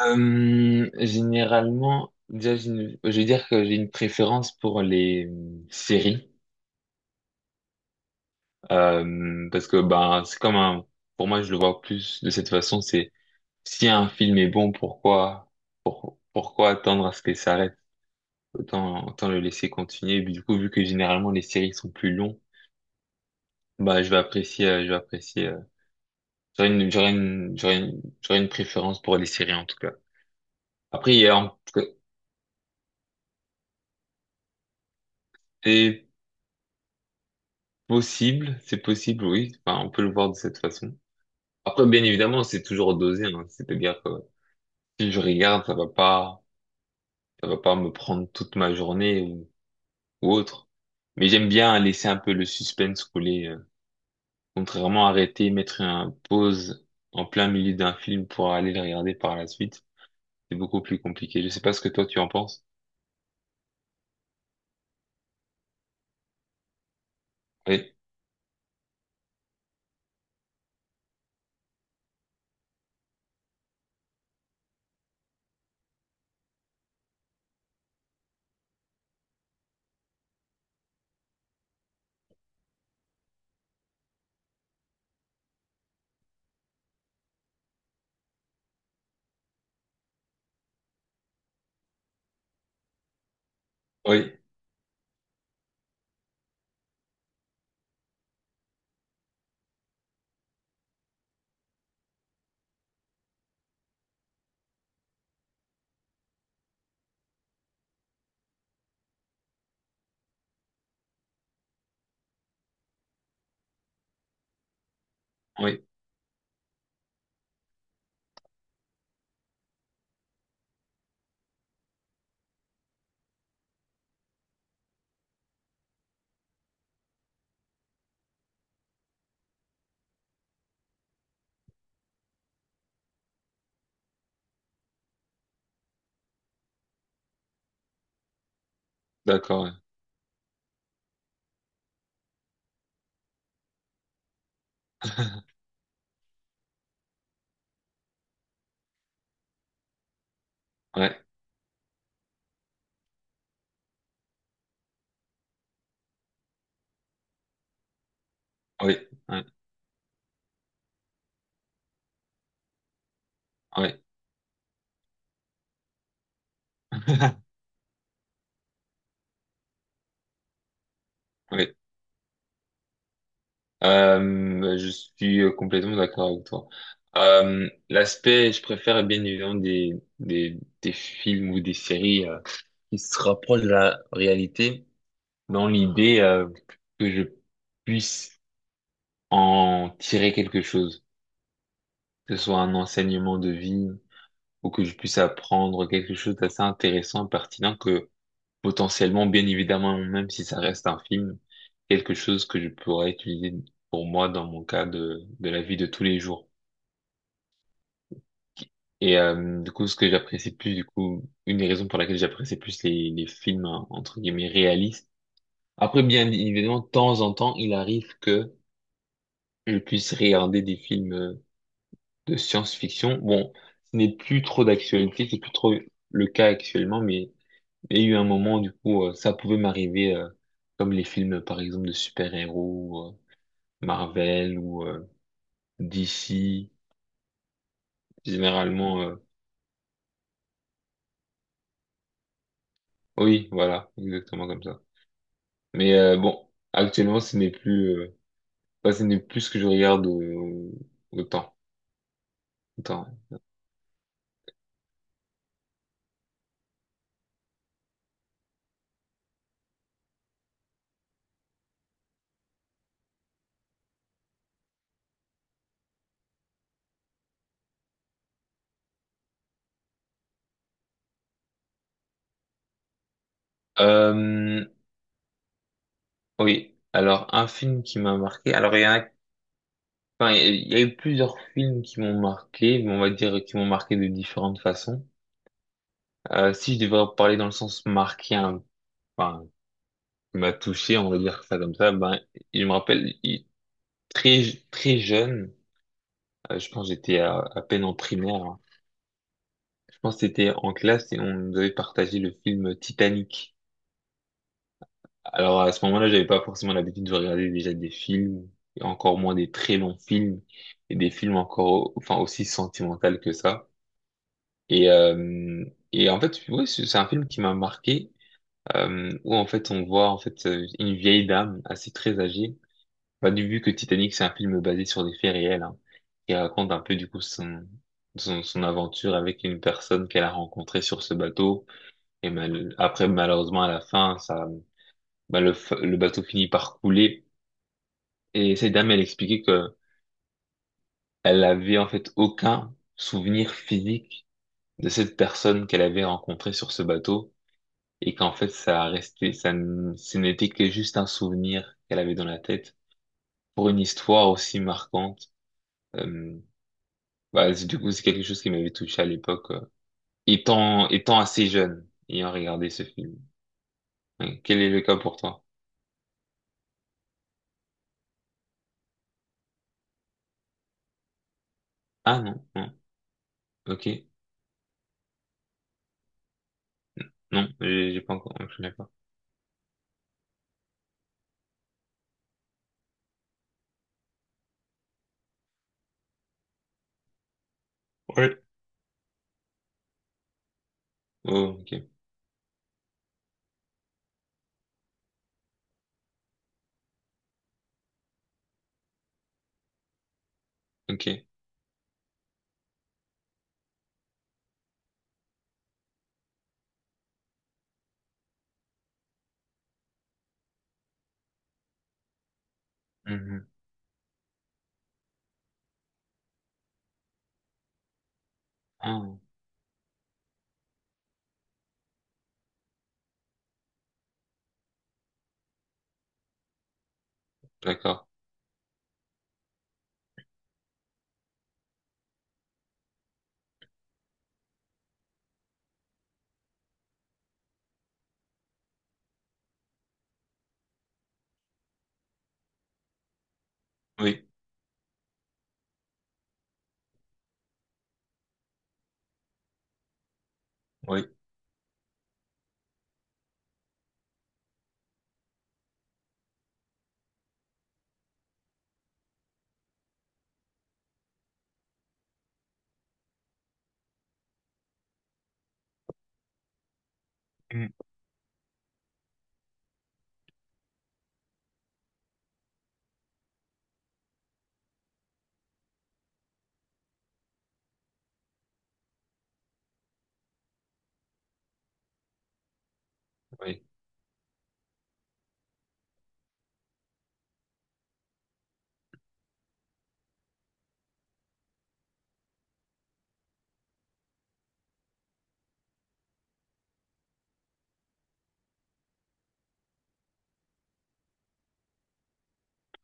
Généralement, déjà, je vais dire que j'ai une préférence pour les séries. Parce que ben c'est comme un, pour moi, je le vois plus de cette façon. C'est si un film est bon, pourquoi, pourquoi attendre à ce qu'il s'arrête? Autant, autant le laisser continuer. Et puis, du coup, vu que généralement les séries sont plus longues, bah je vais apprécier, je vais apprécier. J'aurais une préférence pour les séries en tout cas. Après, il y a en tout cas- et Possible, c'est possible, oui. Enfin, on peut le voir de cette façon. Après, bien évidemment, c'est toujours dosé, hein. C'est-à-dire que si je regarde, ça va pas me prendre toute ma journée ou autre. Mais j'aime bien laisser un peu le suspense couler. Contrairement à arrêter, mettre un pause en plein milieu d'un film pour aller le regarder par la suite. C'est beaucoup plus compliqué. Je sais pas ce que toi tu en penses. Oui, oui, oui. D'accord. Ouais, ouais, oui ouais, ouais. Ouais. Je suis complètement d'accord avec toi. L'aspect, je préfère bien évidemment des, des films ou des séries qui se rapprochent de la réalité dans l'idée que je puisse en tirer quelque chose, que ce soit un enseignement de vie ou que je puisse apprendre quelque chose d'assez intéressant, pertinent, que potentiellement, bien évidemment, même si ça reste un film, quelque chose que je pourrais utiliser pour moi dans mon cas de la vie de tous les jours. Et du coup, ce que j'apprécie plus, du coup, une des raisons pour laquelle j'apprécie plus les films, hein, entre guillemets, réalistes. Après, bien évidemment, de temps en temps, il arrive que je puisse regarder des films de science-fiction. Bon, ce n'est plus trop d'actualité, c'est plus trop le cas actuellement, mais il y a eu un moment, du coup, ça pouvait m'arriver, comme les films, par exemple, de super-héros, Marvel ou DC, généralement, oui, voilà, exactement comme ça. Mais bon, actuellement, ce n'est plus, enfin, ce n'est plus ce que je regarde autant. Autant. Euh, oui. Alors, un film qui m'a marqué. Alors, il y en a, enfin, il y a eu plusieurs films qui m'ont marqué, mais on va dire qui m'ont marqué de différentes façons. Si je devais en parler dans le sens marqué, hein, enfin, qui m'a touché, on va dire ça comme ça, ben, il me rappelle, il- très, très jeune, je pense que j'étais à peine en primaire, hein. Je pense que c'était en classe et on nous avait partagé le film Titanic. Alors à ce moment-là, j'avais pas forcément l'habitude de regarder déjà des films, et encore moins des très longs films, et des films encore, enfin aussi sentimentaux que ça. Et euh, et en fait, oui, c'est un film qui m'a marqué, où en fait on voit en fait une vieille dame assez très âgée. Bah, du vu que Titanic c'est un film basé sur des faits réels, hein, qui raconte un peu du coup son, son aventure avec une personne qu'elle a rencontrée sur ce bateau. Et après malheureusement à la fin, ça, bah, le bateau finit par couler. Et cette dame, elle expliquait que elle avait en fait aucun souvenir physique de cette personne qu'elle avait rencontrée sur ce bateau et qu'en fait ça a resté, ça, ce n'était que juste un souvenir qu'elle avait dans la tête pour une histoire aussi marquante. Euh, bah, du coup, c'est quelque chose qui m'avait touché à l'époque, étant assez jeune, ayant regardé ce film. Ouais. Quel est le cas pour toi? Ah non, non, ok, non, j'ai pas encore, je connais pas. Oui. Oh, ok, ok. Mhm. Ah, d'accord. Oui, oui. Mm. Oui,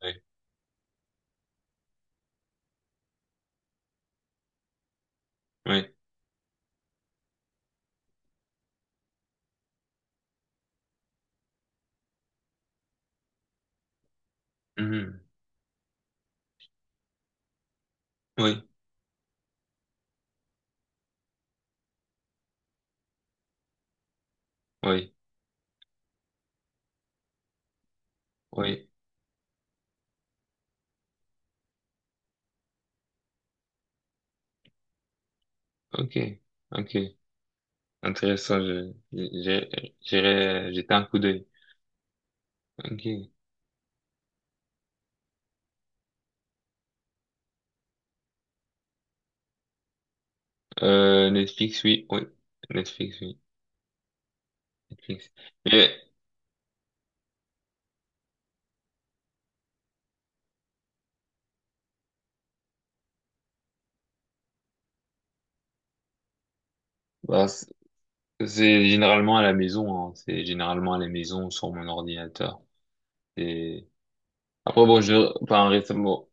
oui, oui, mhm, oui, oui, oui, ok, ok, intéressant, j'irai jeter un coup d'œil, ok, Netflix, oui, oui, Netflix, mais, bah, c'est généralement à la maison, hein. C'est généralement à la maison, sur mon ordinateur. C'est après, bon, je, enfin, récemment,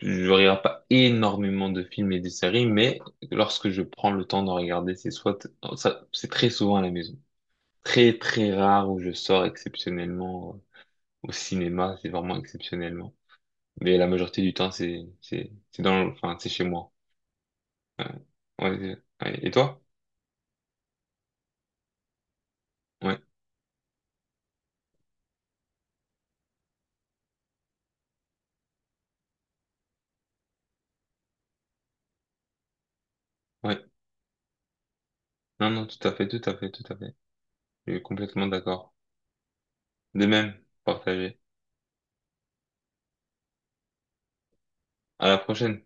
je regarde pas énormément de films et de séries, mais lorsque je prends le temps d'en regarder, c'est soit, ça, c'est très souvent à la maison. Très, très rare où je sors exceptionnellement au cinéma, c'est vraiment exceptionnellement. Mais la majorité du temps, c'est dans, enfin, c'est chez moi. Ouais, ouais, ouais. Et toi? Ouais, ouais. Non, non, tout à fait, tout à fait, tout à fait. Je suis complètement d'accord. De même, partagé. À la prochaine.